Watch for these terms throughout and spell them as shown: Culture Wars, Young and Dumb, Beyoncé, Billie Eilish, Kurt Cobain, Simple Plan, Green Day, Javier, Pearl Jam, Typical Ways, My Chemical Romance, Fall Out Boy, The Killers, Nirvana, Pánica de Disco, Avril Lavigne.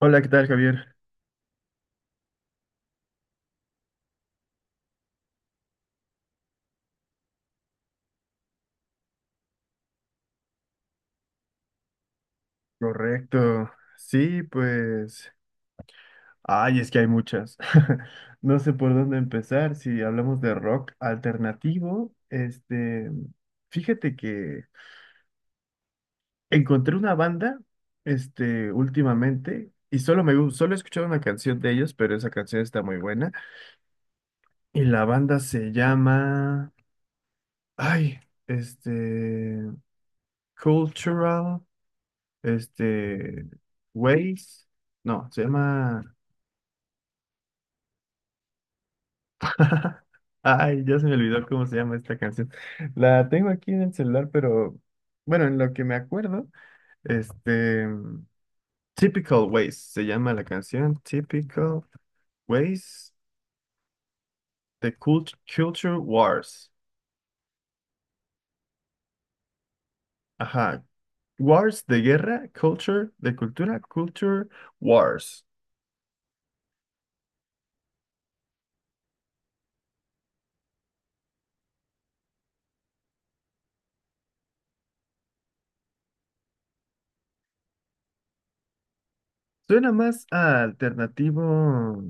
Hola, ¿qué tal, Javier? Correcto. Sí, pues. Ay, es que hay muchas. No sé por dónde empezar. Si hablamos de rock alternativo, Fíjate que encontré una banda, últimamente, y solo he escuchado una canción de ellos, pero esa canción está muy buena. Y la banda se llama. Ay, este. Cultural, este. Ways. No, se llama. Ay, ya se me olvidó cómo se llama esta canción. La tengo aquí en el celular, pero bueno, en lo que me acuerdo, este, mm, Typical Ways se llama la canción, Typical Ways, Culture Wars. Ajá, Wars de guerra, Culture de cultura, Culture Wars. Suena más a alternativo,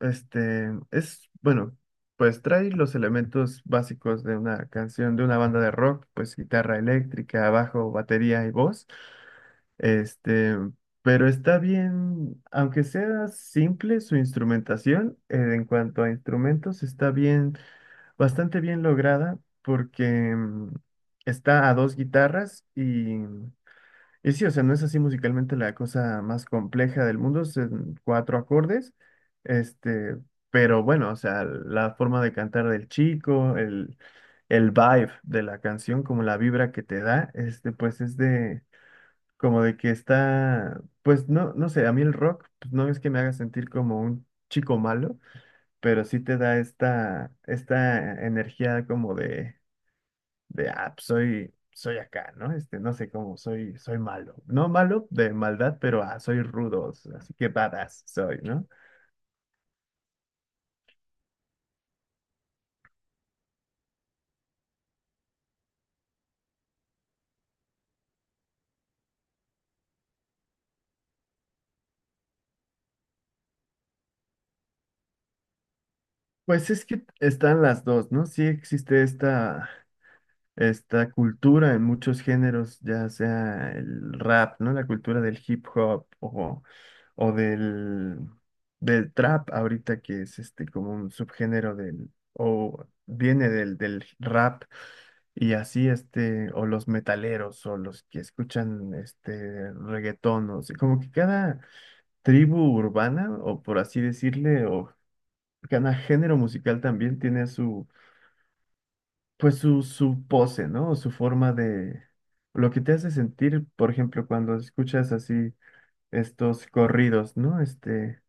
es, bueno, pues trae los elementos básicos de una canción, de una banda de rock, pues guitarra eléctrica, bajo, batería y voz, este, pero está bien, aunque sea simple su instrumentación, en cuanto a instrumentos, está bien, bastante bien lograda porque está a dos guitarras y... Y sí, o sea, no es así musicalmente la cosa más compleja del mundo, son cuatro acordes, este, pero bueno, o sea, la forma de cantar del chico, el vibe de la canción, como la vibra que te da, pues es de, como de que está, pues no, no sé, a mí el rock, pues no es que me haga sentir como un chico malo, pero sí te da esta, esta energía como de, ah, pues, soy acá, ¿no? No sé cómo, soy malo. No malo de maldad, pero ah, soy rudo, así que badass soy, ¿no? Pues es que están las dos, ¿no? Sí existe esta. Esta cultura en muchos géneros, ya sea el rap, ¿no? La cultura del hip hop o del, del trap ahorita que es este como un subgénero del, o viene del, del rap y así este, o los metaleros o los que escuchan este reggaetón, o sea, como que cada tribu urbana o por así decirle, o cada género musical también tiene su pues su pose, ¿no? Su forma de... Lo que te hace sentir, por ejemplo, cuando escuchas así estos corridos, ¿no?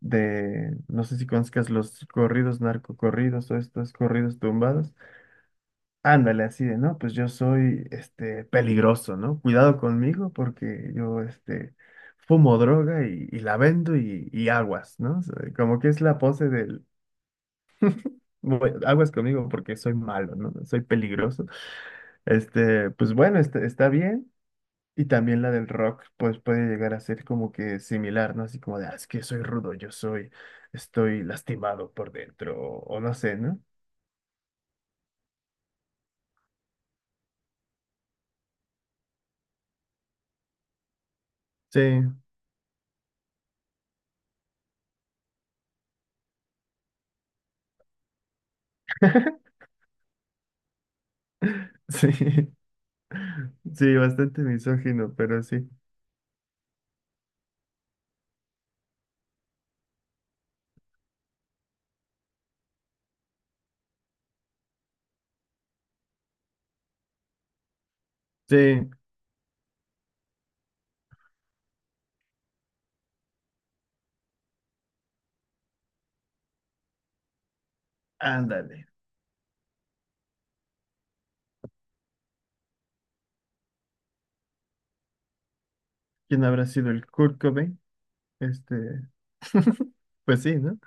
De... No sé si conozcas los corridos narcocorridos o estos corridos tumbados. Ándale, así de, ¿no? Pues yo soy, peligroso, ¿no? Cuidado conmigo porque yo, fumo droga y la vendo y aguas, ¿no? O sea, como que es la pose del bu- aguas conmigo porque soy malo, ¿no? Soy peligroso. Pues bueno, está bien. Y también la del rock, pues puede llegar a ser como que similar, ¿no? Así como de, "Ah, es que soy rudo, yo soy, estoy lastimado por dentro, o no sé, ¿no? Sí, sí, sí, bastante misógino, pero sí. Sí, ándale. ¿Quién habrá sido el Kurt Cobain? Este, pues sí, ¿no?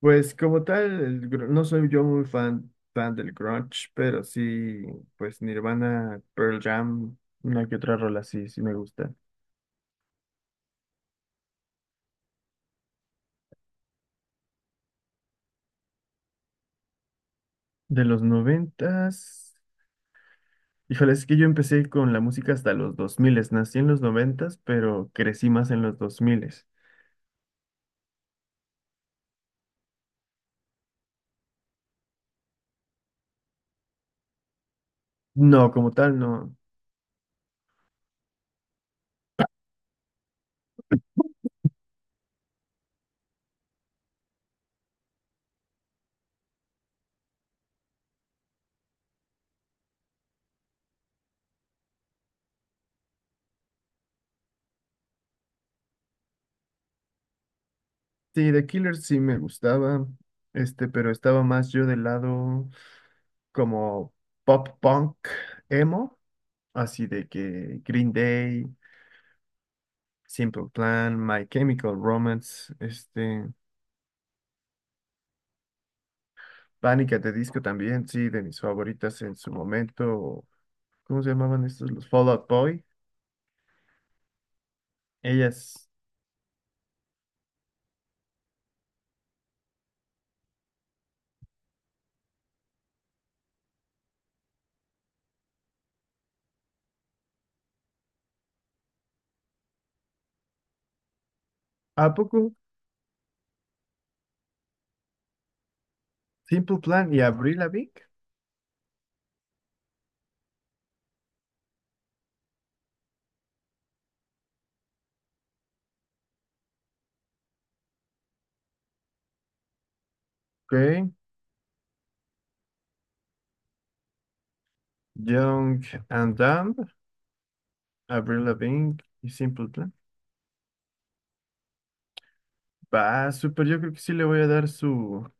Pues como tal, no soy yo muy fan del grunge, pero sí, pues Nirvana, Pearl Jam, una que otra rola sí, sí me gusta. De los noventas, híjole, es que yo empecé con la música hasta los dos miles, nací en los noventas, pero crecí más en los dos miles. No, como tal, no. Sí, The Killers sí me gustaba, pero estaba más yo del lado como pop punk, emo, así de que Green Day. Simple Plan, My Chemical Romance, Pánica de Disco también, sí, de mis favoritas en su momento. ¿Cómo se llamaban estos? Los Fall Out Boy. Ellas, ¿a poco? Simple Plan y Avril Lavigne. Ok, Young and Dumb, Avril Lavigne y Simple Plan. Va, súper, yo creo que sí le voy a dar su,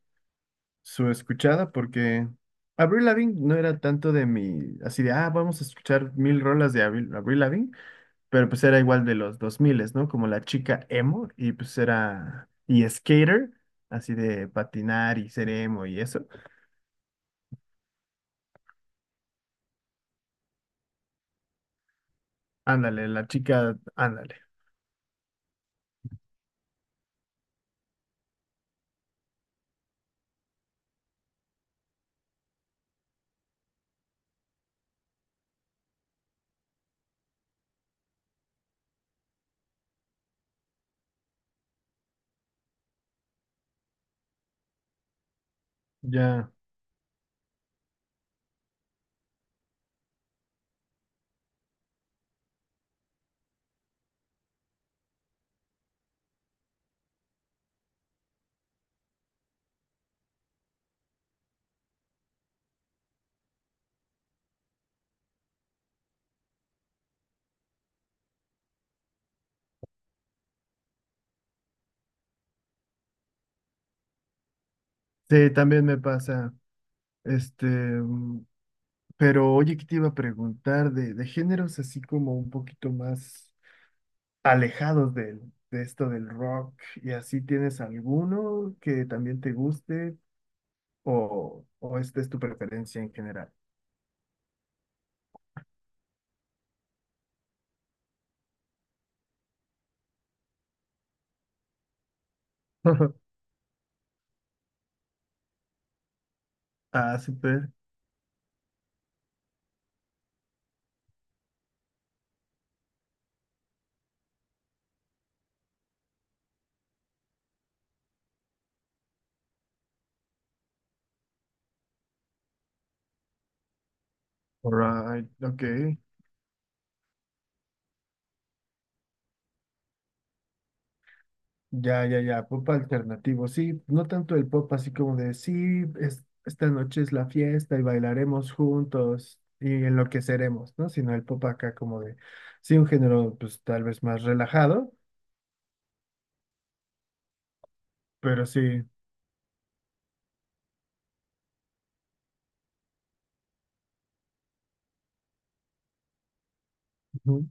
su escuchada porque Avril Lavigne no era tanto de mi, así de, ah, vamos a escuchar mil rolas de Avril Lavigne. Pero pues era igual de los 2000, ¿no? Como la chica emo y pues era y skater, así de patinar y ser emo y eso. Ándale, la chica, ándale. Ya. Sí, también me pasa. Este, mm, pero oye, ¿qué te iba a preguntar de géneros así como un poquito más alejados del, de esto del rock? ¿Y así tienes alguno que también te guste o esta es tu preferencia en general? Ah, súper. Alright, ok. Ya, ya, ya, pop alternativo, sí, no tanto el pop así como de, sí, esta noche es la fiesta y bailaremos juntos y enloqueceremos, ¿no? Sino el pop acá como de, sí, un género pues tal vez más relajado, pero sí. Ujú.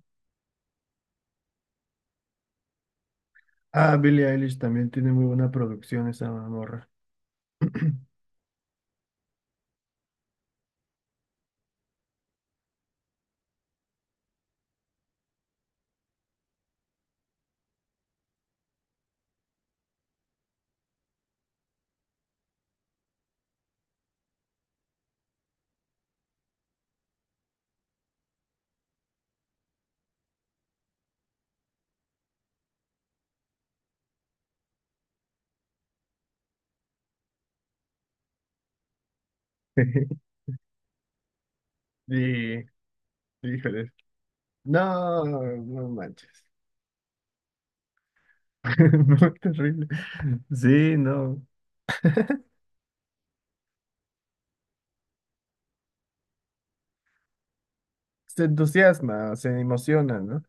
Ah, Billie Eilish también tiene muy buena producción esa morra. Sí, híjole. No, no manches. Muy terrible. Sí, no. Se entusiasma, se emociona, ¿no?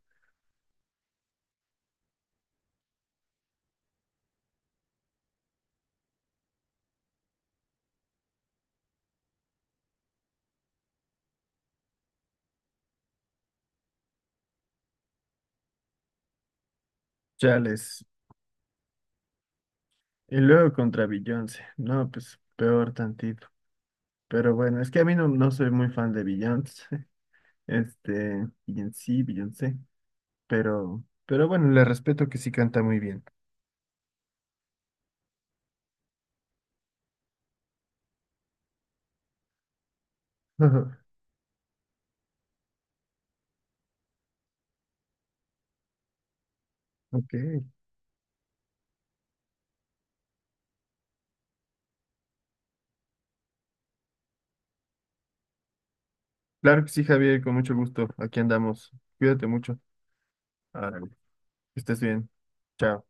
Chales. Y luego contra Beyoncé. No, pues peor tantito. Pero bueno, es que a mí no, no soy muy fan de Beyoncé. Beyoncé. Pero bueno, le respeto que sí canta muy bien. Ok. Claro que sí, Javier, con mucho gusto. Aquí andamos. Cuídate mucho. Árale. Que estés bien. Chao.